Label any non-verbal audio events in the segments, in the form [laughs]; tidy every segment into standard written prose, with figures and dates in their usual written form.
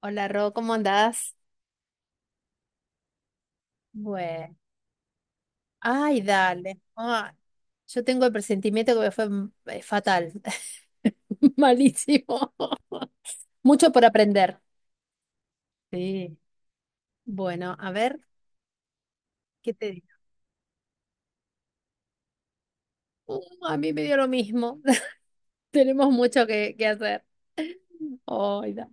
Hola, Ro, ¿cómo andás? Bueno, ay, dale. Ay, yo tengo el presentimiento que me fue fatal. [laughs] Malísimo. [laughs] Mucho por aprender. Sí. Bueno, a ver, ¿qué te digo? Uh, a mí me dio lo mismo. [laughs] Tenemos mucho que hacer. Ay, da.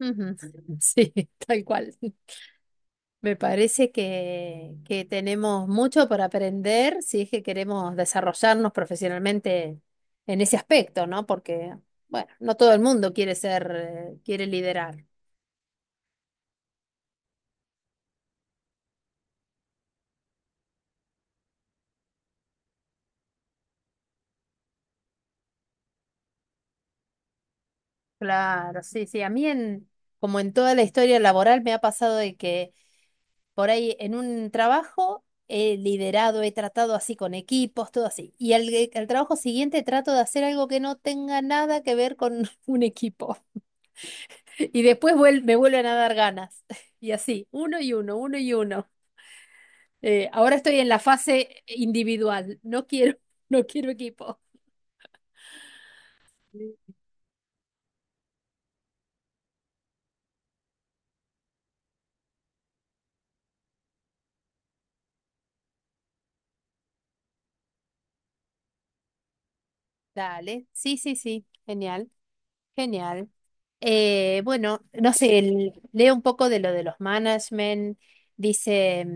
Ujú. Sí, [laughs] tal cual. Me parece que tenemos mucho por aprender si es que queremos desarrollarnos profesionalmente en ese aspecto, ¿no? Porque, bueno, no todo el mundo quiere quiere liderar. Claro, sí, sí. A mí, como en toda la historia laboral, me ha pasado de que por ahí en un trabajo he liderado, he tratado así con equipos, todo así. Al trabajo siguiente trato de hacer algo que no tenga nada que ver con [laughs] un equipo. Y después me vuelven a dar ganas. [laughs] Y así, uno y uno, uno y uno. Ahora estoy en la fase individual. No quiero, [laughs] no quiero equipo. Dale. Sí, sí, sí. Genial, genial. Bueno, no sé, leo un poco de lo de los management. Dice.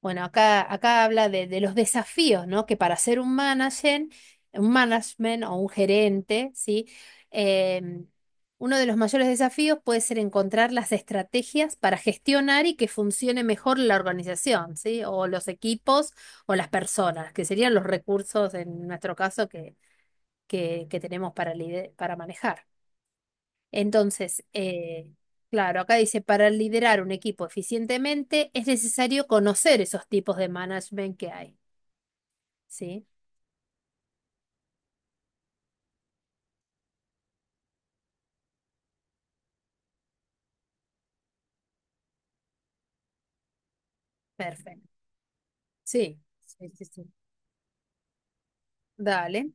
Bueno, acá habla de los desafíos, ¿no? Que para ser un manager, un management o un gerente, ¿sí? Em, Uno de los mayores desafíos puede ser encontrar las estrategias para gestionar y que funcione mejor la organización, ¿sí? O los equipos o las personas, que serían los recursos en nuestro caso que tenemos para, para manejar. Entonces, claro, acá dice, para liderar un equipo eficientemente es necesario conocer esos tipos de management que hay. ¿Sí? Perfecto. Sí, sí, sí, sí. Dale.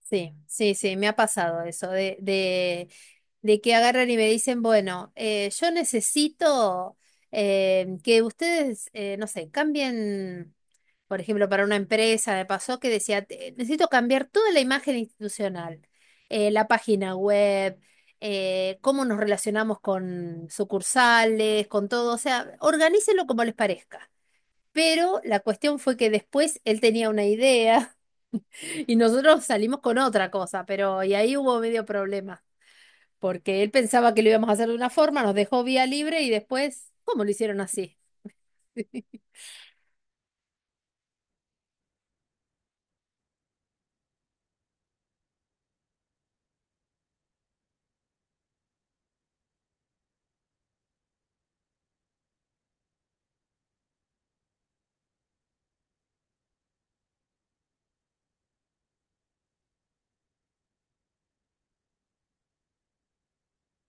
Sí, sí, sí, me ha pasado eso de que agarran y me dicen, bueno, yo necesito que ustedes, no sé, cambien. Por ejemplo, para una empresa, me pasó que decía: Necesito cambiar toda la imagen institucional, la página web, cómo nos relacionamos con sucursales, con todo, o sea, organícelo como les parezca. Pero la cuestión fue que después él tenía una idea [laughs] y nosotros salimos con otra cosa, pero y ahí hubo medio problema, porque él pensaba que lo íbamos a hacer de una forma, nos dejó vía libre y después, ¿cómo lo hicieron así?" [laughs]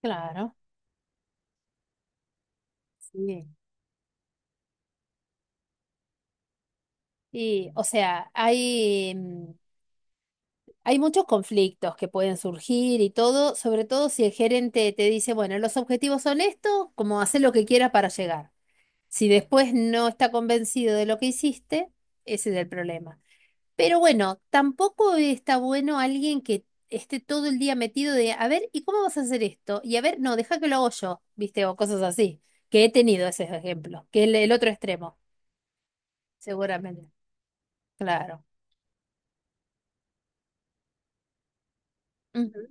Claro, sí. Y, o sea, hay. Hay muchos conflictos que pueden surgir y todo, sobre todo si el gerente te dice, bueno, los objetivos son estos, como hacer lo que quieras para llegar. Si después no está convencido de lo que hiciste, ese es el problema. Pero bueno, tampoco está bueno alguien que esté todo el día metido de, a ver, ¿y cómo vas a hacer esto? Y a ver, no, deja que lo hago yo, ¿viste? O cosas así, que he tenido ese ejemplo, que es el otro extremo, seguramente. Claro. Ujú.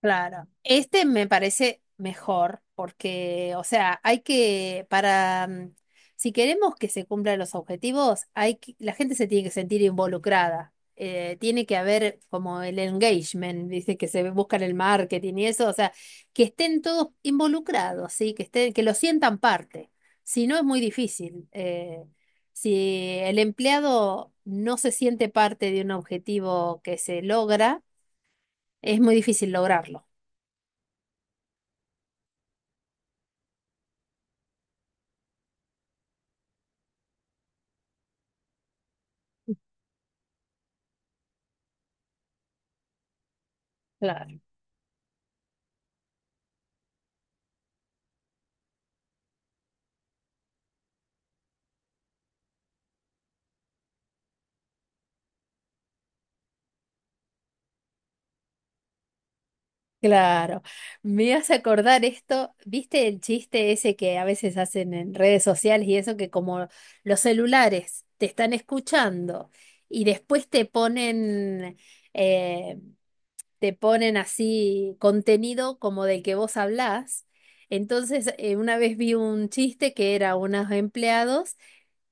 Claro. Este me parece mejor porque, o sea, hay que, para, si queremos que se cumplan los objetivos, hay la gente se tiene que sentir involucrada. Tiene que haber como el engagement, dice que se busca en el marketing y eso, o sea, que estén todos involucrados, ¿sí? Que estén, que lo sientan parte. Si no, es muy difícil. Si el empleado no se siente parte de un objetivo que se logra, es muy difícil lograrlo. Claro, claro. Me hace acordar esto, ¿viste el chiste ese que a veces hacen en redes sociales y eso que como los celulares te están escuchando y después eh, te ponen así contenido como del que vos hablás? Entonces, una vez vi un chiste que era unos empleados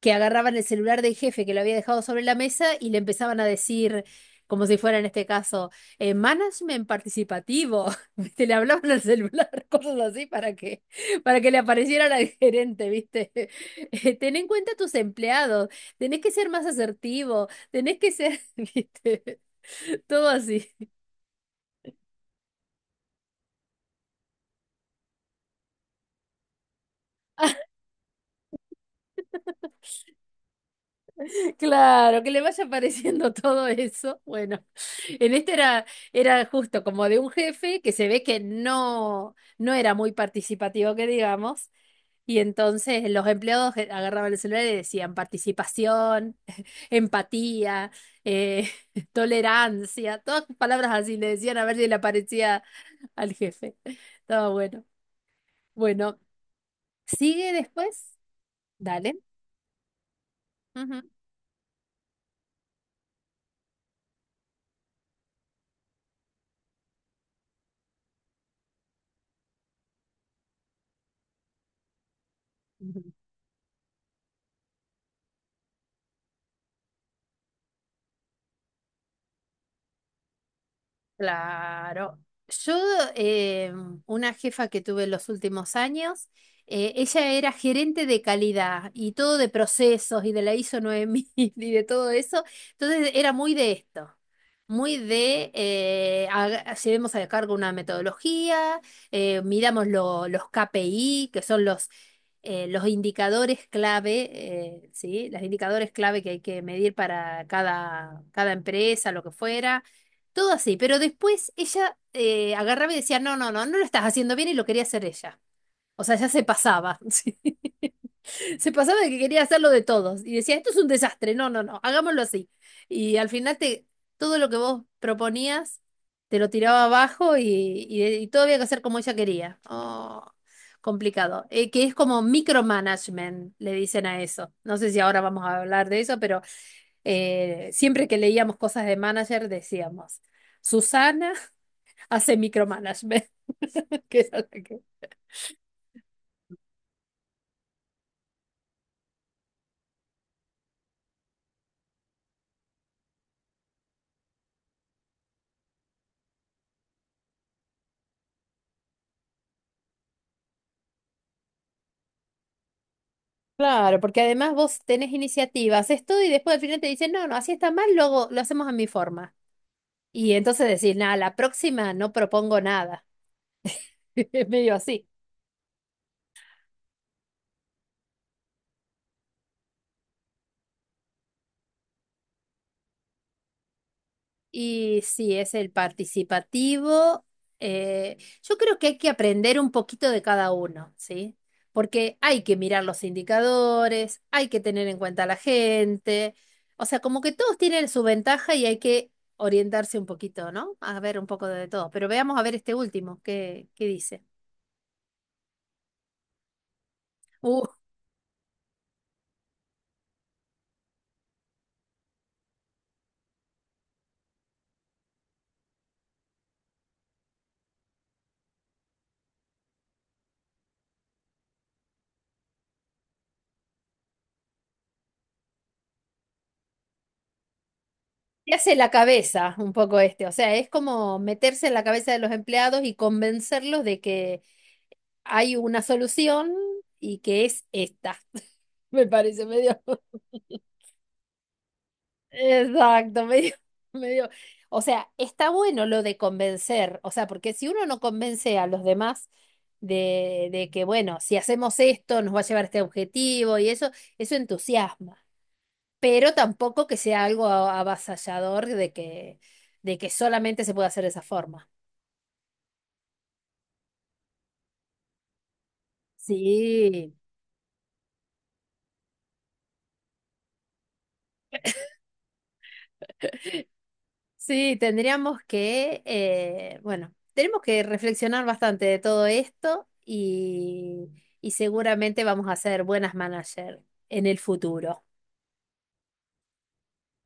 que agarraban el celular del jefe que lo había dejado sobre la mesa y le empezaban a decir, como si fuera en este caso, management participativo. [laughs] ¿Viste? Le hablaban al celular, [laughs] cosas así para que le apareciera la gerente, ¿viste? [laughs] Ten en cuenta a tus empleados, tenés que ser más asertivo, tenés que ser, [laughs] ¿viste? Todo así. Claro, que le vaya apareciendo [laughs] todo eso. Bueno, en este era justo como de un jefe que se ve que no, no era muy participativo, que digamos, y entonces los empleados agarraban el celular y decían participación, empatía, eh, [laughs] tolerancia, todas palabras así le decían a ver si le aparecía al jefe. Estaba bueno. Bueno, sigue después. Dale. Ujú. Claro. Yo, eh, una jefa que tuve en los últimos años, ella era gerente de calidad y todo de procesos y de la ISO 9000 [laughs] y de todo eso. Entonces era muy de esto, muy de llevemos a cargo una metodología, miramos los KPI, que son los indicadores clave, ¿sí? Los indicadores clave que hay que medir para cada, cada empresa, lo que fuera todo así, pero después ella agarraba y decía, no, no, no, no lo estás haciendo bien y lo quería hacer ella. O sea, ya se pasaba, [laughs] sí. Se pasaba de que quería hacerlo de todos. Y decía, esto es un desastre, no, no, no, hagámoslo así. Y al final te, todo lo que vos proponías te lo tiraba abajo y todo había que hacer como ella quería. Oh, complicado. Que es como micromanagement, le dicen a eso. No sé si ahora vamos a hablar de eso, pero siempre que leíamos cosas de manager decíamos. Susana hace micromanagement. [laughs] Que es algo claro, porque además vos tenés iniciativa, haces todo y después al final te dicen, no, no, así está mal, luego lo hacemos a mi forma. Y entonces decís, nada, la próxima no propongo nada. [laughs] Es medio así. Y sí, es el participativo. Yo creo que hay que aprender un poquito de cada uno, ¿sí? Porque hay que mirar los indicadores, hay que tener en cuenta a la gente. O sea, como que todos tienen su ventaja y hay que orientarse un poquito, ¿no? A ver un poco de todo. Pero veamos a ver este último, ¿qué dice? Uh, Te hace la cabeza un poco este. O sea, es como meterse en la cabeza de los empleados y convencerlos de que hay una solución y que es esta. Me parece medio, [laughs] exacto, medio, medio. O sea, está bueno lo de convencer, o sea, porque si uno no convence a los demás de que, bueno, si hacemos esto, nos va a llevar a este objetivo y eso entusiasma. Pero tampoco que sea algo avasallador de que solamente se puede hacer de esa forma. Sí. Sí, tendríamos que, bueno, tenemos que reflexionar bastante de todo esto y seguramente vamos a ser buenas managers en el futuro.